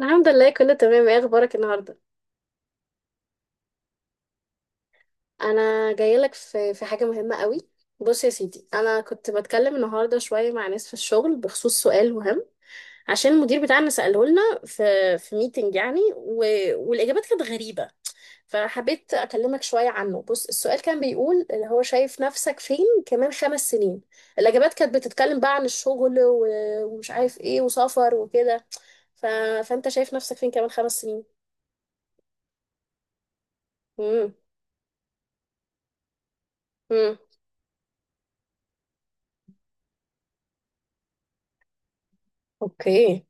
الحمد لله، كله تمام. ايه اخبارك النهارده؟ انا جايه لك في حاجه مهمه قوي. بص يا سيدي، انا كنت بتكلم النهارده شويه مع ناس في الشغل بخصوص سؤال مهم، عشان المدير بتاعنا ساله لنا في ميتنج يعني والاجابات كانت غريبه. فحبيت اكلمك شويه عنه. بص، السؤال كان بيقول اللي هو شايف نفسك فين كمان 5 سنين. الاجابات كانت بتتكلم بقى عن الشغل ومش عارف ايه، وسفر وكده. ف... فانت شايف نفسك فين كمان خمس سنين؟ امم. امم. اوكي.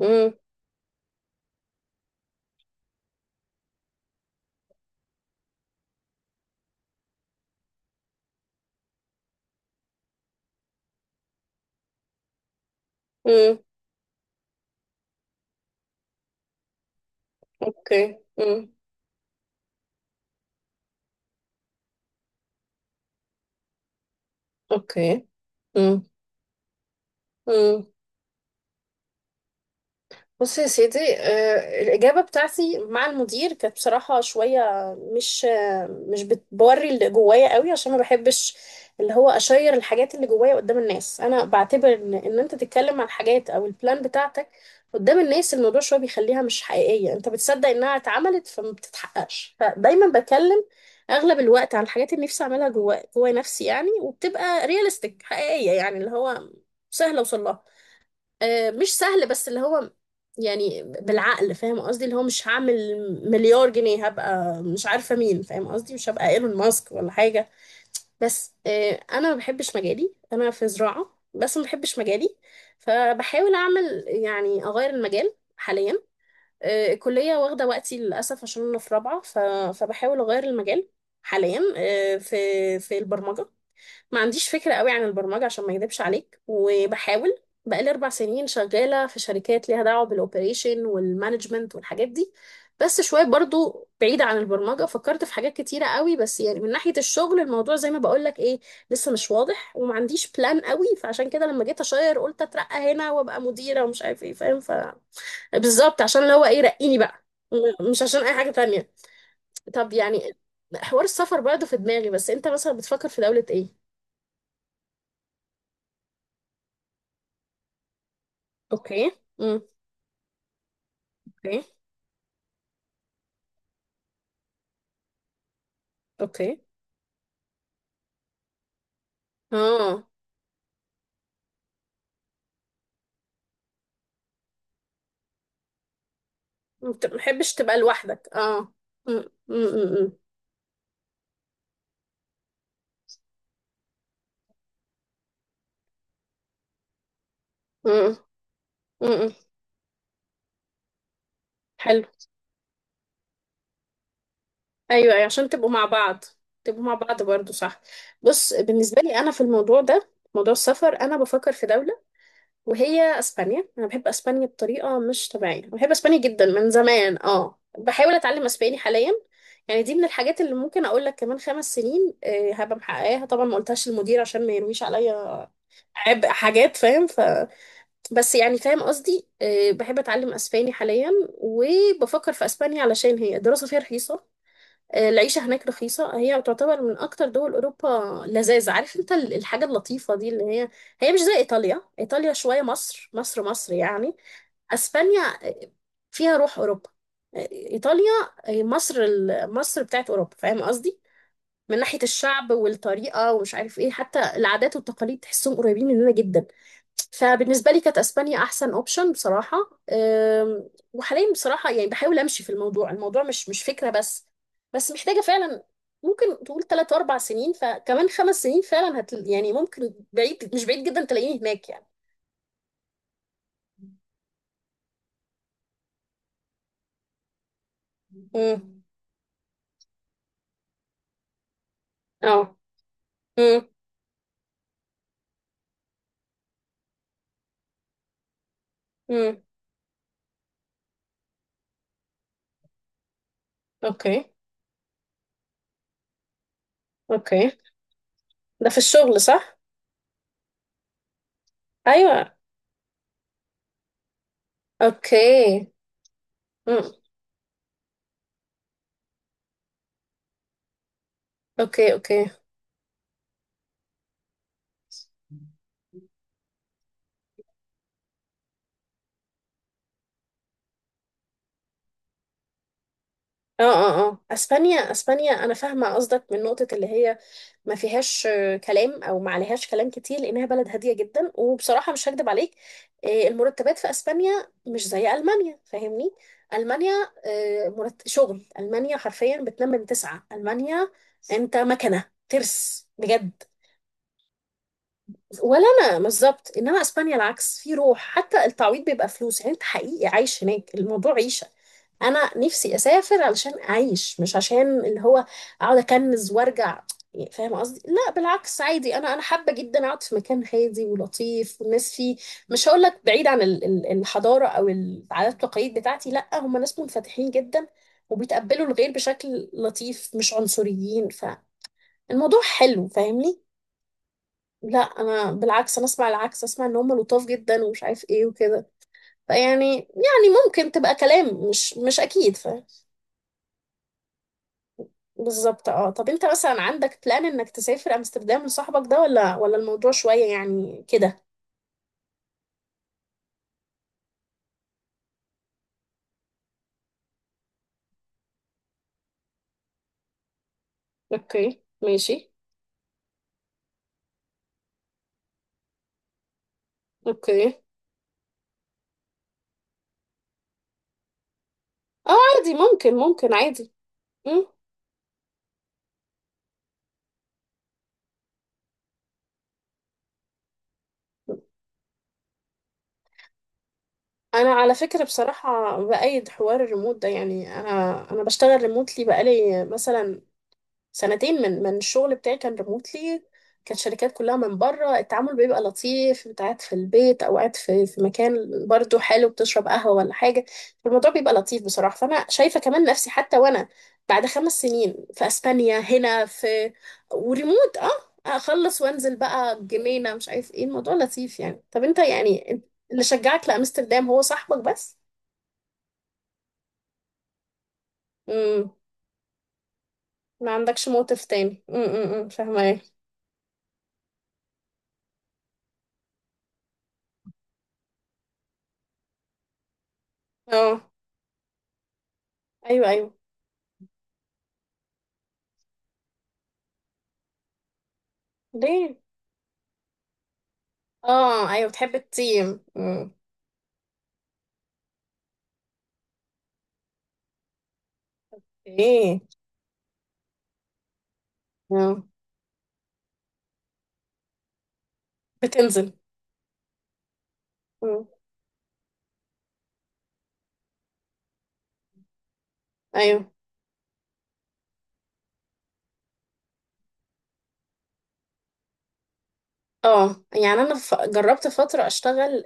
امم. امم. اوكي. امم. اوكي. امم. بص يا سيدي، الإجابة بتاعتي مع المدير كانت بصراحة شوية مش، مش بتوري اللي جوايا قوي، عشان ما بحبش اللي هو أشير الحاجات اللي جوايا قدام الناس. أنا بعتبر إن أنت تتكلم عن حاجات أو البلان بتاعتك قدام الناس، الموضوع شوية بيخليها مش حقيقية. أنت بتصدق إنها اتعملت فما بتتحققش. فدايما بتكلم أغلب الوقت عن الحاجات اللي نفسي أعملها جوا نفسي يعني، وبتبقى رياليستيك حقيقية، يعني اللي هو سهل أوصل لها. مش سهل، بس اللي هو يعني بالعقل، فاهم قصدي؟ اللي هو مش هعمل مليار جنيه، هبقى مش عارفة مين، فاهم قصدي؟ مش هبقى ايلون ماسك ولا حاجة. بس انا ما بحبش مجالي، انا في زراعة بس ما بحبش مجالي، فبحاول اعمل يعني اغير المجال حاليا. الكلية واخدة وقتي للأسف عشان انا في رابعة. فبحاول اغير المجال حاليا، في البرمجة. ما عنديش فكرة قوي عن البرمجة عشان ما اكذبش عليك، وبحاول. بقالي 4 سنين شغالة في شركات ليها دعوة بالأوبريشن والمانجمنت والحاجات دي، بس شوية برضو بعيدة عن البرمجة. فكرت في حاجات كتيرة قوي، بس يعني من ناحية الشغل الموضوع زي ما بقولك ايه، لسه مش واضح وما عنديش بلان قوي. فعشان كده لما جيت أشير قلت أترقى هنا وأبقى مديرة ومش عارف ايه، فاهم؟ ف بالظبط، عشان اللي هو ايه، رقيني بقى، مش عشان أي حاجة تانية. طب يعني حوار السفر برضه في دماغي، بس انت مثلا بتفكر في دولة ايه؟ اوكي. امم. اوكي. اوكي. اه، انت ما بتحبش تبقى لوحدك، اه. امم. امم. امم. امم. حلو. ايوه أيوة، عشان تبقوا مع بعض. تبقوا مع بعض برضو، صح. بص، بالنسبه لي انا في الموضوع ده، موضوع السفر، انا بفكر في دوله وهي اسبانيا. انا بحب اسبانيا بطريقه مش طبيعيه، أنا بحب اسبانيا جدا من زمان. اه، بحاول اتعلم اسباني حاليا، يعني دي من الحاجات اللي ممكن اقول لك كمان 5 سنين هبقى محققاها. طبعا ما قلتهاش للمدير عشان ما يرويش عليا عبء حاجات، فاهم؟ ف بس يعني فاهم قصدي، بحب اتعلم اسباني حاليا وبفكر في اسبانيا علشان هي الدراسه فيها رخيصه، العيشه هناك رخيصه. هي تعتبر من اكتر دول اوروبا لذاذ، عارف انت الحاجه اللطيفه دي اللي هي هي مش زي ايطاليا. ايطاليا شويه مصر يعني. اسبانيا فيها روح اوروبا. ايطاليا مصر، مصر بتاعت اوروبا، فاهم قصدي؟ من ناحيه الشعب والطريقه ومش عارف ايه، حتى العادات والتقاليد تحسهم قريبين مننا جدا. فبالنسبة لي كانت أسبانيا أحسن أوبشن بصراحة. وحاليا بصراحة يعني بحاول أمشي في الموضوع، الموضوع مش فكرة بس، بس محتاجة فعلا. ممكن تقول 3 4 سنين، فكمان 5 سنين فعلا هت يعني ممكن بعيد، مش بعيد جدا تلاقيني هناك يعني. امم. اه. امم. امم. اوكي. اوكي. ده في الشغل صح؟ أيوه. اوكي. امم. اوكي. اوكي. اه اه اه، اسبانيا اسبانيا، انا فاهمه قصدك من نقطه اللي هي ما فيهاش كلام او ما عليهاش كلام كتير لانها بلد هاديه جدا. وبصراحه مش هكدب عليك، المرتبات في اسبانيا مش زي المانيا، فاهمني؟ المانيا شغل المانيا حرفيا بتنام من تسعه. المانيا انت مكنه ترس بجد. ولا انا بالظبط، انما اسبانيا العكس، في روح، حتى التعويض بيبقى فلوس، يعني انت حقيقي عايش هناك، الموضوع عيشه. انا نفسي اسافر علشان اعيش، مش عشان اللي هو اقعد اكنز وارجع، يعني فاهم قصدي؟ لا بالعكس، عادي، انا حابه جدا اقعد في مكان هادي ولطيف، والناس فيه مش هقول لك بعيد عن الحضاره او العادات والتقاليد بتاعتي، لا، هم ناس منفتحين جدا وبيتقبلوا الغير بشكل لطيف، مش عنصريين، فالموضوع حلو فاهمني. لا، انا بالعكس انا اسمع العكس، اسمع ان هم لطاف جدا ومش عارف ايه وكده. فيعني يعني ممكن تبقى كلام مش اكيد، فاهم؟ بالظبط. اه، طب انت مثلا عندك بلان انك تسافر امستردام لصاحبك ده، ولا الموضوع شوية يعني كده؟ اوكي ماشي. اوكي. اه عادي، ممكن عادي. مم. انا على فكرة بصراحة بأيد حوار الريموت ده، يعني انا انا بشتغل ريموتلي بقالي مثلا سنتين. من الشغل بتاعي كان ريموتلي، كانت شركات كلها من بره. التعامل بيبقى لطيف، انت قاعد في البيت او قاعد في مكان، برضو حلو، بتشرب قهوة ولا حاجة، الموضوع بيبقى لطيف بصراحة. فانا شايفة كمان نفسي حتى وانا بعد 5 سنين في اسبانيا، هنا في، وريموت، اه. اخلص وانزل بقى الجنينة مش عارف ايه، الموضوع لطيف يعني. طب انت يعني اللي شجعك لامستردام هو صاحبك بس؟ امم. ما عندكش موقف تاني، امم، فاهمة ايه. اه ايوه ايوه. ليه؟ اه ايوه، بتحب التيم. مم. ايه. آه. بتنزل. مم. ايوه. اه يعني انا جربت فتره اشتغل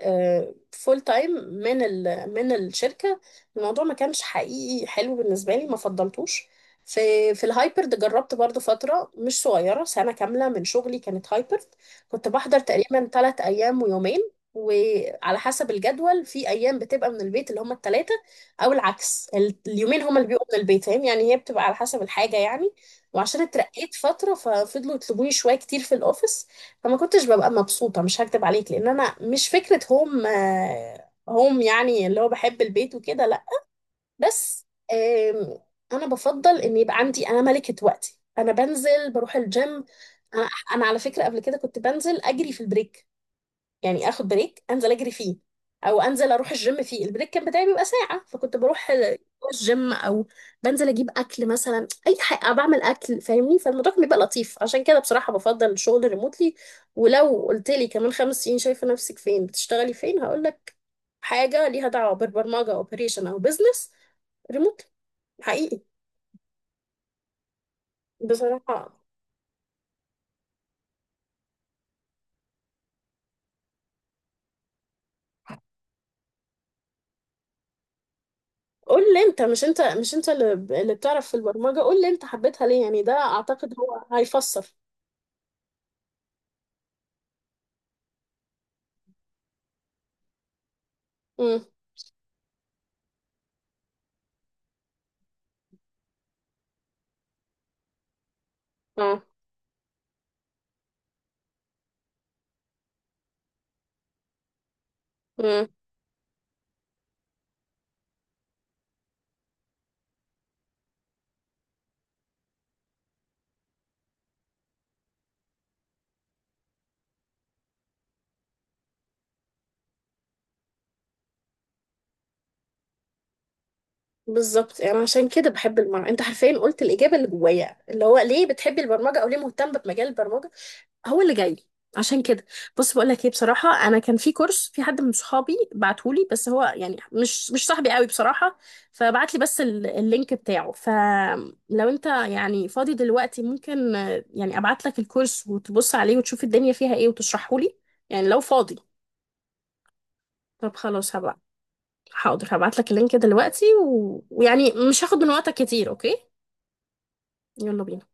فول تايم من من الشركه، الموضوع ما كانش حقيقي حلو بالنسبه لي، ما فضلتوش في. في الهايبرد جربت برضو فتره مش صغيره، سنه كامله من شغلي كانت هايبرد. كنت بحضر تقريبا 3 ايام ويومين، وعلى حسب الجدول، في ايام بتبقى من البيت اللي هما الثلاثه، او العكس، اليومين هما اللي بيبقوا من البيت، فاهم يعني؟ هي بتبقى على حسب الحاجه يعني. وعشان اترقيت فتره، ففضلوا يطلبوني شويه كتير في الاوفيس، فما كنتش ببقى مبسوطة. مش هكدب عليك، لأن أنا مش فكرة هوم، هوم يعني اللي هو بحب البيت وكده، لأ، بس. آم، أنا بفضل إن يبقى عندي أنا ملكة وقتي. أنا بنزل بروح الجيم. أنا أنا على فكرة قبل كده كنت بنزل أجري في البريك، يعني اخد بريك انزل اجري فيه او انزل اروح الجيم فيه. البريك كان بتاعي بيبقى ساعه، فكنت بروح الجيم او بنزل اجيب اكل مثلا اي حاجه، أو بعمل اكل، فاهمني؟ فالموضوع كان بيبقى لطيف، عشان كده بصراحه بفضل الشغل ريموتلي. ولو قلت لي كمان 5 سنين شايفه نفسك فين، بتشتغلي فين، هقول لك حاجه ليها دعوه بالبرمجه او اوبريشن او بزنس، ريموتلي، حقيقي، بصراحه. قول لي انت، مش انت مش انت اللي اللي بتعرف في البرمجه، قول لي انت حبيتها ليه، يعني ده اعتقد هو هيفسر. امم. اه. بالظبط، يعني عشان كده بحب البرمجه. انت حرفيا قلت الاجابه اللي جوايا، اللي هو ليه بتحبي البرمجه او ليه مهتم بمجال البرمجه، هو اللي جاي. عشان كده بص، بقول لك ايه، بصراحه انا كان في كورس، في حد من صحابي بعتهولي، بس هو يعني مش صاحبي قوي بصراحه، فبعت لي بس اللينك بتاعه. فلو انت يعني فاضي دلوقتي، ممكن يعني ابعت لك الكورس وتبص عليه وتشوف الدنيا فيها ايه وتشرحه لي، يعني لو فاضي. طب خلاص هبعت. حاضر، هبعت لك اللينك دلوقتي ويعني مش هاخد من وقتك كتير، اوكي. يلا بينا.